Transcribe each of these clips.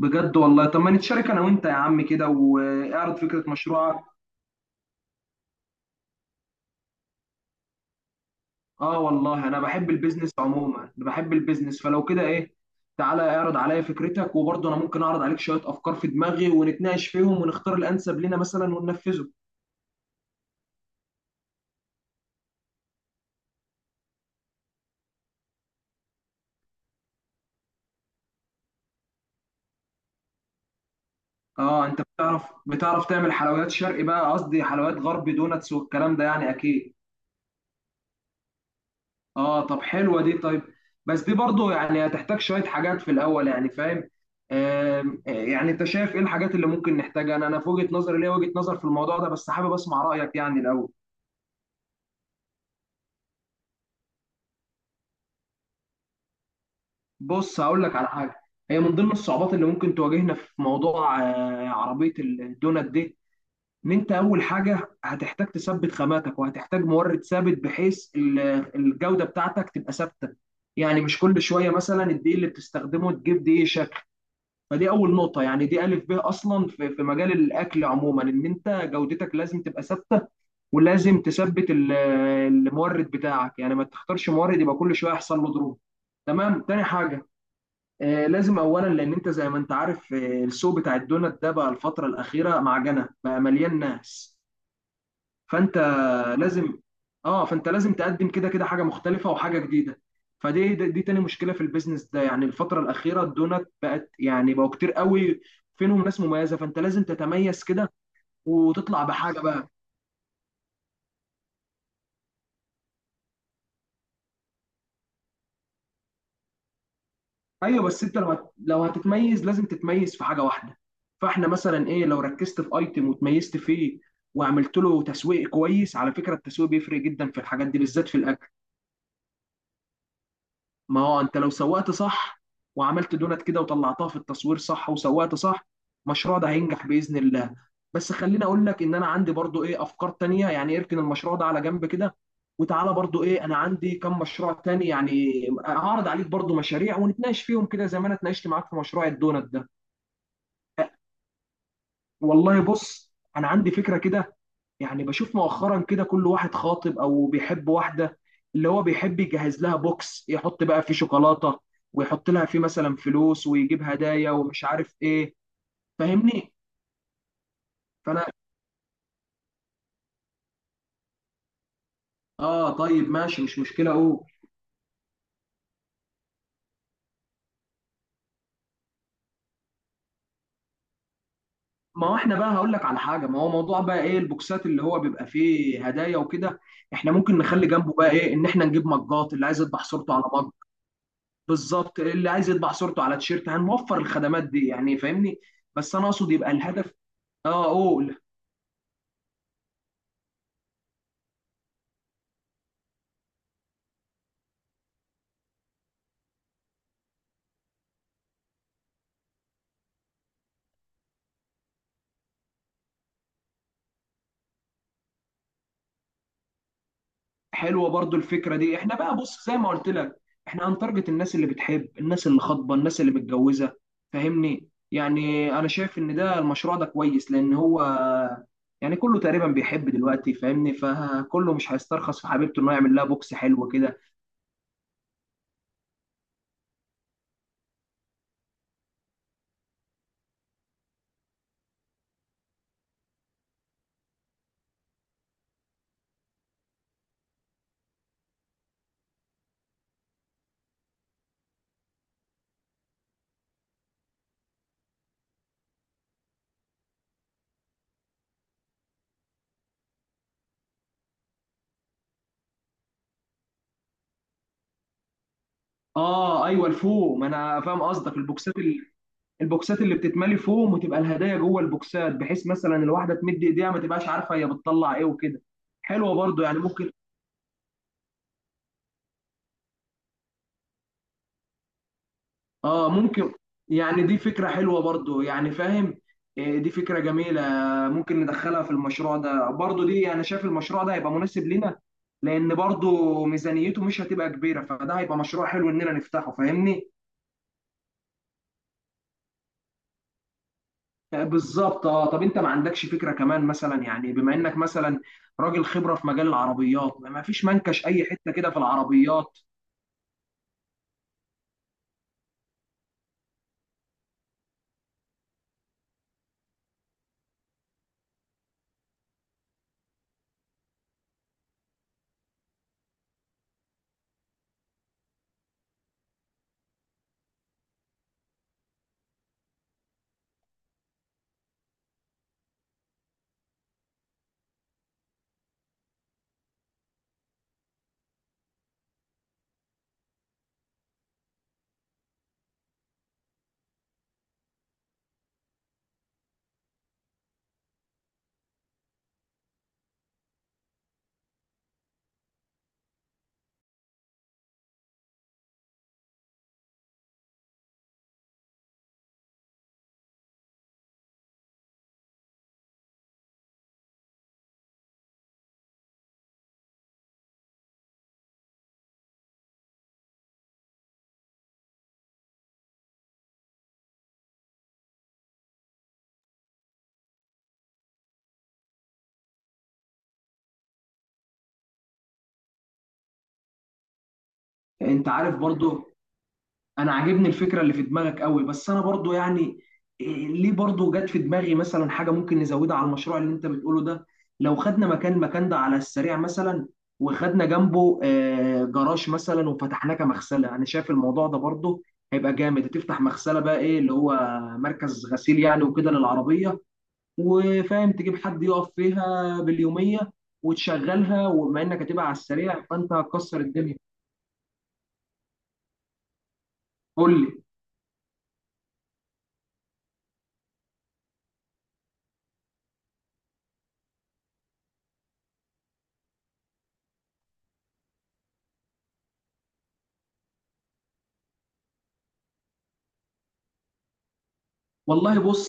بجد والله، طب ما نتشارك انا وانت يا عم كده واعرض فكرة مشروعك. اه، والله انا بحب البيزنس عموما، انا بحب البيزنس، فلو كده ايه؟ تعالى اعرض عليا فكرتك، وبرضه انا ممكن اعرض عليك شوية افكار في دماغي ونتناقش فيهم ونختار الانسب لنا مثلا وننفذه. اه، انت بتعرف تعمل حلويات شرقي، بقى قصدي حلويات غربي، دوناتس والكلام ده، يعني اكيد. اه، طب حلوه دي. طيب، بس دي برضو يعني هتحتاج شويه حاجات في الاول، يعني فاهم. يعني انت شايف ايه الحاجات اللي ممكن نحتاجها؟ انا في وجهه نظري، ليا وجهه نظر في الموضوع ده، بس حابب اسمع رايك يعني الاول. بص هقول لك على حاجه، هي من ضمن الصعوبات اللي ممكن تواجهنا في موضوع عربيه الدونات دي. ان انت اول حاجه هتحتاج تثبت خاماتك، وهتحتاج مورد ثابت بحيث الجوده بتاعتك تبقى ثابته. يعني مش كل شويه مثلا الدقيق اللي بتستخدمه تجيب دقيق شكل. فدي اول نقطه، يعني دي الف ب اصلا في مجال الاكل عموما، ان انت جودتك لازم تبقى ثابته، ولازم تثبت المورد بتاعك، يعني ما تختارش مورد يبقى كل شويه يحصل له ضروب. تمام. تاني حاجه، لازم اولا، لان انت زي ما انت عارف السوق بتاع الدونات ده بقى الفتره الاخيره معجنه، بقى مليان ناس. فانت لازم اه فانت لازم تقدم كده كده حاجه مختلفه وحاجه جديده. فدي دي دي تاني مشكله في البيزنس ده، يعني الفتره الاخيره الدونات بقت يعني بقوا كتير قوي، فينهم ناس مميزه، فانت لازم تتميز كده وتطلع بحاجه بقى. ايوه، بس انت لو هتتميز لازم تتميز في حاجه واحده. فاحنا مثلا ايه، لو ركزت في ايتم وتميزت فيه وعملت له تسويق كويس. على فكره التسويق بيفرق جدا في الحاجات دي، بالذات في الاكل. ما هو انت لو سوقت صح، وعملت دونت كده وطلعتها في التصوير صح وسوقت صح، المشروع ده هينجح باذن الله. بس خليني اقول لك ان انا عندي برضو ايه افكار تانية، يعني اركن المشروع ده على جنب كده، وتعالى برضو ايه، انا عندي كم مشروع تاني يعني. هعرض عليك برضو مشاريع ونتناقش فيهم كده زي ما انا اتناقشت معاك في مشروع الدونت ده. والله بص، انا عندي فكرة كده، يعني بشوف مؤخرا كده كل واحد خاطب او بيحب واحده، اللي هو بيحب يجهز لها بوكس، يحط بقى فيه شوكولاته، ويحط لها فيه مثلا فلوس ويجيب هدايا ومش عارف ايه. فاهمني؟ فانا اه، طيب ماشي، مش مشكله، اقول. ما هو احنا بقى هقول لك على حاجه، ما هو موضوع بقى ايه البوكسات اللي هو بيبقى فيه هدايا وكده، احنا ممكن نخلي جنبه بقى ايه، ان احنا نجيب مجات اللي عايز يطبع صورته على مج. بالظبط، اللي عايز يطبع صورته على تيشيرت هنوفر الخدمات دي، يعني فاهمني. بس انا اقصد يبقى الهدف. اه، قول. حلوه برضو الفكره دي. احنا بقى بص، زي ما قلت لك، احنا هنتارجت الناس اللي بتحب، الناس اللي خاطبه، الناس اللي متجوزه، فاهمني؟ يعني انا شايف ان ده المشروع ده كويس، لان هو يعني كله تقريبا بيحب دلوقتي، فاهمني، فكله مش هيسترخص في حبيبته انه يعمل لها بوكس حلو كده. اه، ايوه، الفوم، انا فاهم قصدك. البوكسات اللي بتتملي فوم، وتبقى الهدايا جوه البوكسات، بحيث مثلا الواحده تمد ايديها ما تبقاش عارفه هي بتطلع ايه وكده. حلوه برضو يعني، ممكن. اه، ممكن، يعني دي فكرة حلوة برضو يعني فاهم. إيه، دي فكرة جميلة، ممكن ندخلها في المشروع ده برضو. دي انا شايف المشروع ده هيبقى مناسب لنا، لان برضو ميزانيته مش هتبقى كبيرة، فده هيبقى مشروع حلو اننا نفتحه، فاهمني؟ آه، بالظبط. اه، طب انت ما عندكش فكرة كمان مثلا؟ يعني بما انك مثلا راجل خبرة في مجال العربيات، ما فيش منكش اي حتة كده في العربيات. انت عارف برضو، انا عاجبني الفكره اللي في دماغك قوي، بس انا برضو يعني إيه، ليه، برضو جت في دماغي مثلا حاجه ممكن نزودها على المشروع اللي انت بتقوله ده. لو خدنا مكان المكان ده على السريع مثلا، وخدنا جنبه جراج مثلا وفتحناه كمغسله، انا شايف الموضوع ده برضو هيبقى جامد. هتفتح مغسله، بقى ايه، اللي هو مركز غسيل يعني وكده للعربيه. وفاهم، تجيب حد يقف فيها باليوميه وتشغلها، وبما انك هتبقى على السريع فانت هتكسر الدنيا. قول لي. والله بص.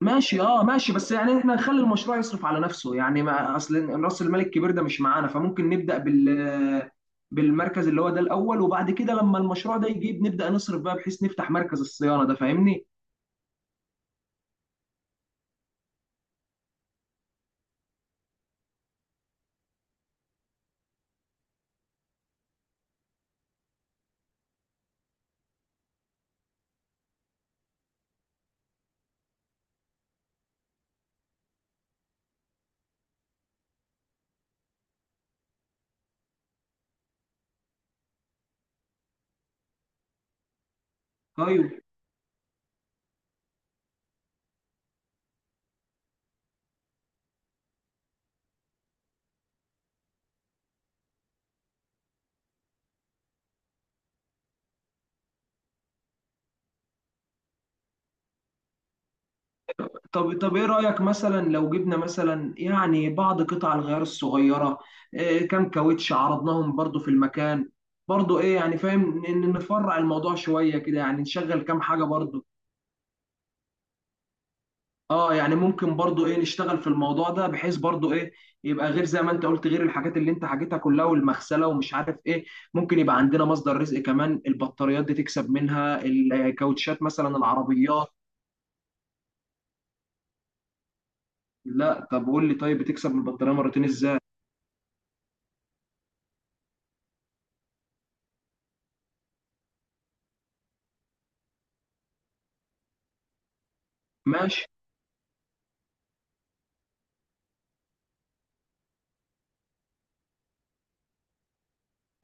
ماشي، اه، ماشي، بس يعني احنا نخلي المشروع يصرف على نفسه يعني، ما اصل راس المال الكبير ده مش معانا، فممكن نبدا بالمركز اللي هو ده الاول، وبعد كده لما المشروع ده يجيب نبدا نصرف بقى، بحيث نفتح مركز الصيانه ده، فاهمني؟ طيب. طب ايه رايك مثلا لو جبنا مثلا يعني بعض قطع الغيار الصغيره؟ كام كاوتش عرضناهم برضو في المكان. برضو ايه يعني، فاهم ان إن نفرع الموضوع شويه كده، يعني نشغل كام حاجه برضو. اه، يعني ممكن برضو ايه نشتغل في الموضوع ده، بحيث برضو ايه يبقى غير زي ما انت قلت، غير الحاجات اللي انت حكيتها كلها، والمغسله ومش عارف ايه. ممكن يبقى عندنا مصدر رزق كمان، البطاريات دي تكسب منها، الكاوتشات مثلا، العربيات. لا، طب قول لي، طيب بتكسب من البطاريه مرتين ازاي؟ ماشي.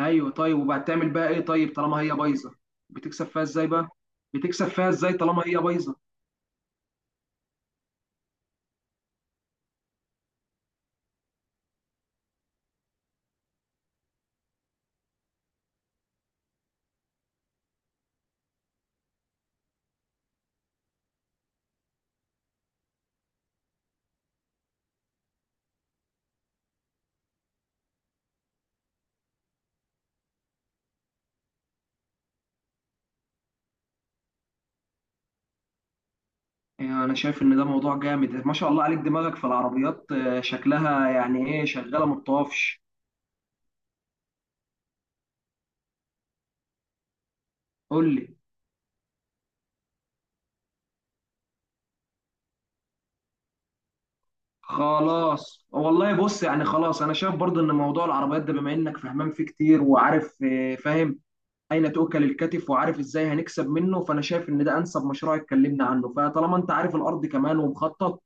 ايوه طيب، وبعد تعمل بقى ايه؟ طيب طالما هي بايظه، بتكسب فيها ازاي بقى؟ بتكسب فيها ازاي طالما هي بايظه؟ يعني انا شايف ان ده موضوع جامد، ما شاء الله عليك، دماغك في العربيات شكلها يعني ايه شغاله ما بتقفش. قول لي. خلاص والله بص، يعني خلاص انا شايف برضو ان موضوع العربيات ده بما انك فهمان فيه كتير وعارف فاهم اين تؤكل الكتف، وعارف ازاي هنكسب منه، فانا شايف ان ده انسب مشروع اتكلمنا عنه. فطالما انت عارف الارض كمان ومخطط،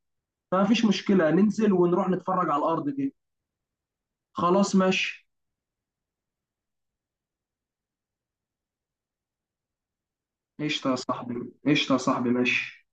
فمفيش مشكلة ننزل ونروح نتفرج على الارض دي. خلاص ماشي. قشطة يا صاحبي، قشطة يا صاحبي، ماشي.